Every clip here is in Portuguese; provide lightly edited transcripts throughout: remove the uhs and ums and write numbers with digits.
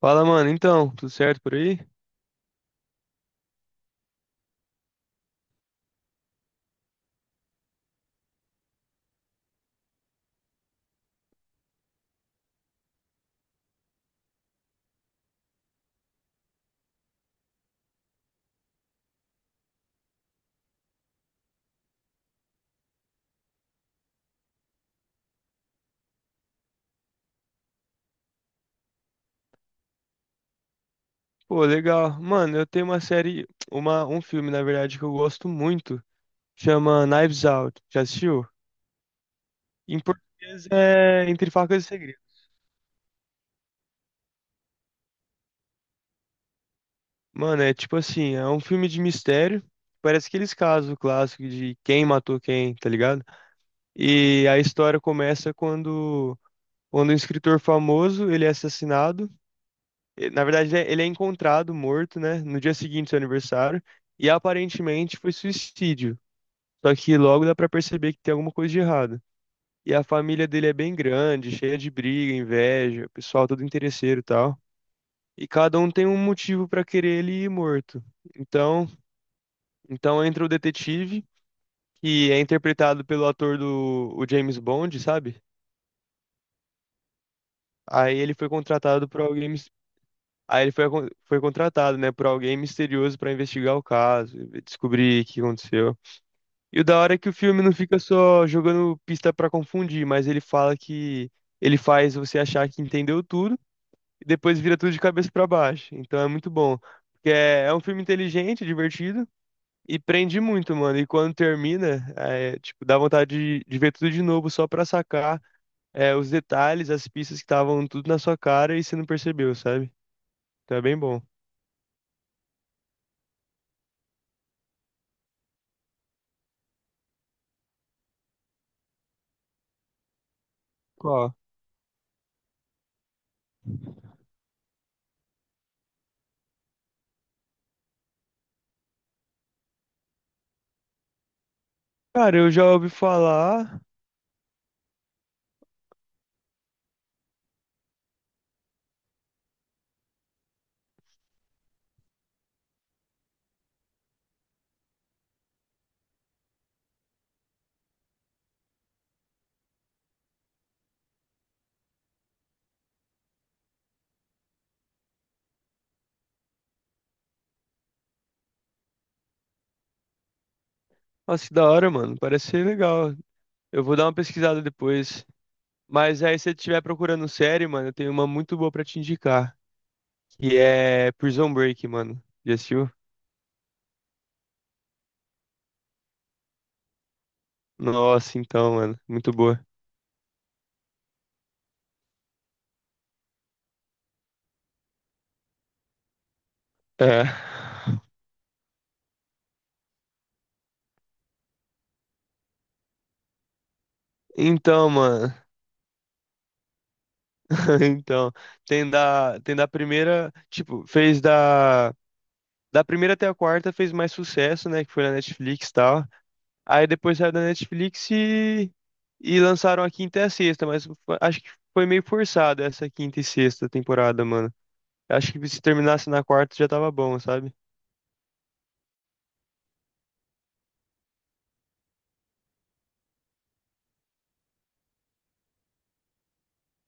Fala, mano. Então, tudo certo por aí? Pô, legal. Mano, eu tenho uma série, um filme, na verdade, que eu gosto muito. Chama Knives Out. Já assistiu? Em português é Entre Facas e Segredos. Mano, é tipo assim, é um filme de mistério. Parece aqueles casos clássicos de quem matou quem, tá ligado? E a história começa quando um escritor famoso, ele é assassinado. E, na verdade, ele é encontrado morto, né? No dia seguinte do seu aniversário. E aparentemente foi suicídio. Só que logo dá pra perceber que tem alguma coisa de errado. E a família dele é bem grande, cheia de briga, inveja, pessoal todo interesseiro e tal. E cada um tem um motivo pra querer ele ir morto. Então, então entra o detetive, que é interpretado pelo ator do o James Bond, sabe? Aí ele foi contratado por alguém, mis- aí ele foi, acon- foi contratado, né, por alguém misterioso pra investigar o caso, e descobrir o que aconteceu. E o da hora é que o filme não fica só jogando pista pra confundir, mas ele fala que ele faz você achar que entendeu tudo e depois vira tudo de cabeça pra baixo. Então é muito bom, porque é, é um filme inteligente, divertido e prende muito, mano. E quando termina, é, tipo, dá vontade de ver tudo de novo só pra sacar é, os detalhes, as pistas que estavam tudo na sua cara e você não percebeu, sabe? Então é bem bom. Qual? Cara, eu já ouvi falar. Nossa, que da hora, mano. Parece ser legal. Eu vou dar uma pesquisada depois. Mas aí, se você estiver procurando série, mano, eu tenho uma muito boa pra te indicar. Que é Prison Break, mano. Já assistiu? Nossa, então, mano. Muito boa. É. Então, mano. Então, tem da primeira. Tipo, fez da. Da primeira até a quarta fez mais sucesso, né? Que foi na Netflix e tal. Aí depois saiu da Netflix. E. E lançaram a quinta e a sexta, mas acho que foi meio forçado essa quinta e sexta temporada, mano. Acho que se terminasse na quarta já tava bom, sabe?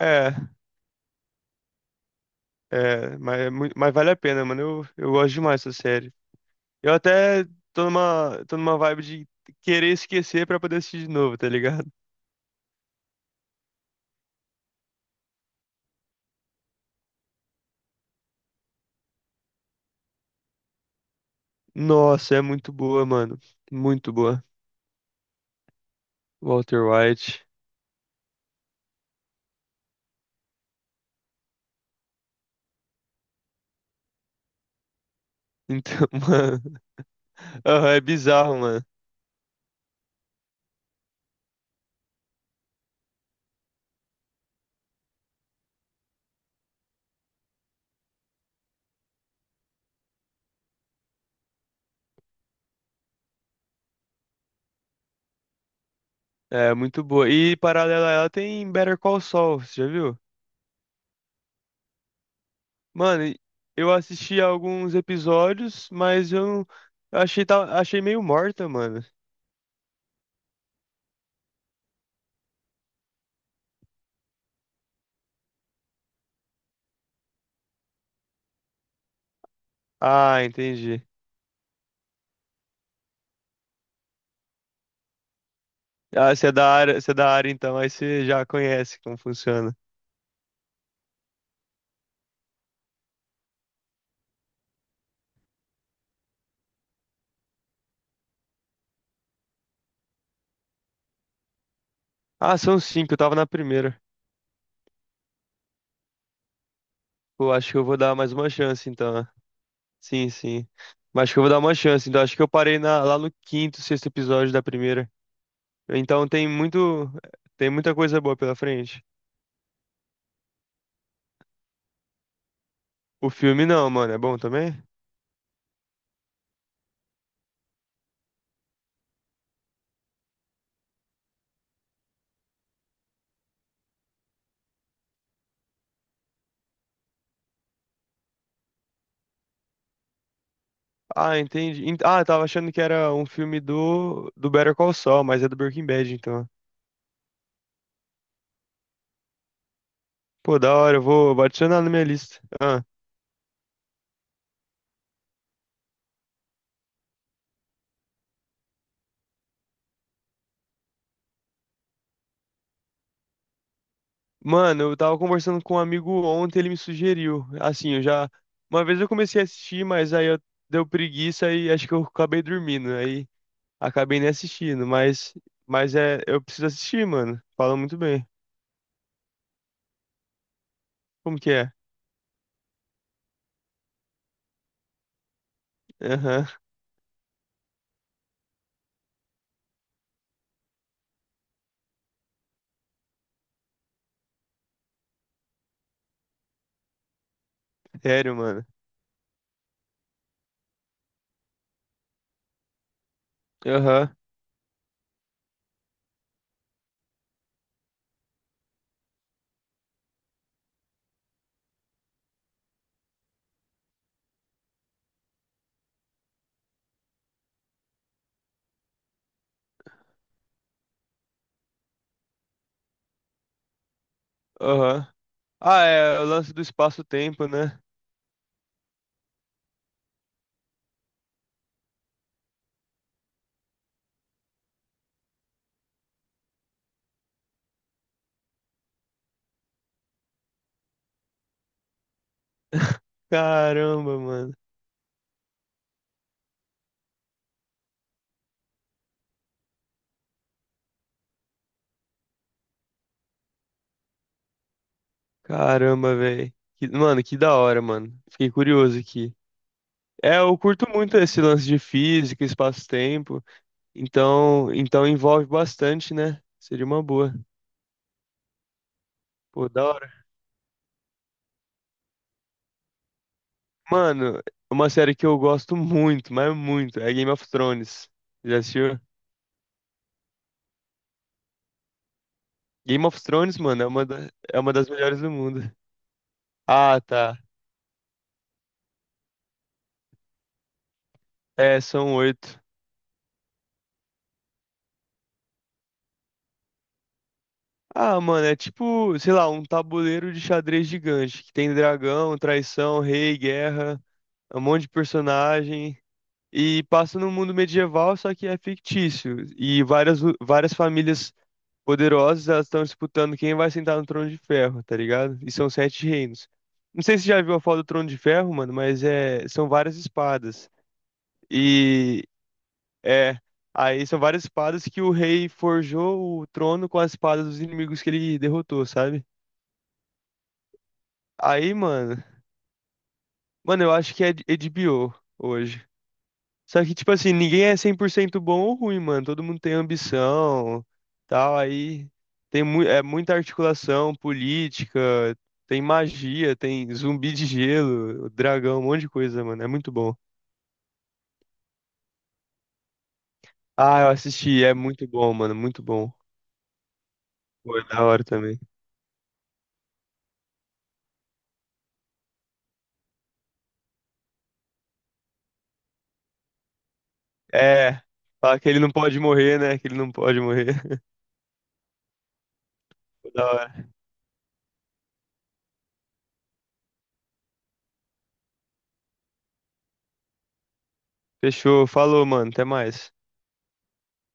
É, mas vale a pena, mano. Eu gosto demais dessa série. Eu até tô numa vibe de querer esquecer pra poder assistir de novo, tá ligado? Nossa, é muito boa, mano. Muito boa. Walter White. Então, mano. Aham, é bizarro, mano. É muito boa. E paralela a ela tem Better Call Saul, você já viu? Mano, eu assisti alguns episódios, mas eu não- eu achei meio morta, mano. Ah, entendi. Ah, você é da área então, aí você já conhece como funciona. Ah, são cinco, eu tava na primeira. Pô, acho que eu vou dar mais uma chance então, né? Sim, sim. Mas acho que eu vou dar uma chance, então acho que eu lá no quinto, sexto episódio da primeira. Então tem muito, tem muita coisa boa pela frente. O filme não, mano, é bom também? Ah, entendi. Ah, eu tava achando que era um filme do, do Better Call Saul, mas é do Breaking Bad, então. Pô, da hora, eu vou adicionar na minha lista. Ah. Mano, eu tava conversando com um amigo ontem, ele me sugeriu. Assim, eu já. Uma vez eu comecei a assistir, mas aí eu deu preguiça e acho que eu acabei dormindo. Aí acabei nem assistindo, mas. Mas é. Eu preciso assistir, mano. Fala muito bem. Como que é? Aham. Sério, mano. Aham. Aham. Ah, é. O lance do espaço-tempo, né? Caramba, mano. Caramba, velho. Mano, que da hora, mano. Fiquei curioso aqui. É, eu curto muito esse lance de física, espaço-tempo. Então envolve bastante, né? Seria uma boa. Pô, da hora. Mano, uma série que eu gosto muito, mas muito, é Game of Thrones. Já assistiu? Game of Thrones, mano, é uma das melhores do mundo. Ah, tá. É, são oito. Ah, mano, é tipo, sei lá, um tabuleiro de xadrez gigante, que tem dragão, traição, rei, guerra, um monte de personagem. E passa num mundo medieval, só que é fictício. E várias, várias famílias poderosas, elas estão disputando quem vai sentar no trono de ferro, tá ligado? E são sete reinos. Não sei se você já viu a foto do trono de ferro, mano, mas é, são várias espadas. E é, aí são várias espadas que o rei forjou o trono com as espadas dos inimigos que ele derrotou, sabe? Aí, mano, eu acho que é HBO hoje. Só que, tipo assim, ninguém é 100% bom ou ruim, mano. Todo mundo tem ambição, tal. Aí tem mu é muita articulação política, tem magia, tem zumbi de gelo, dragão, um monte de coisa, mano. É muito bom. Ah, eu assisti, é muito bom, mano, muito bom. Foi da hora também. É, fala que ele não pode morrer, né? Que ele não pode morrer. Foi da hora. Fechou, falou, mano, até mais.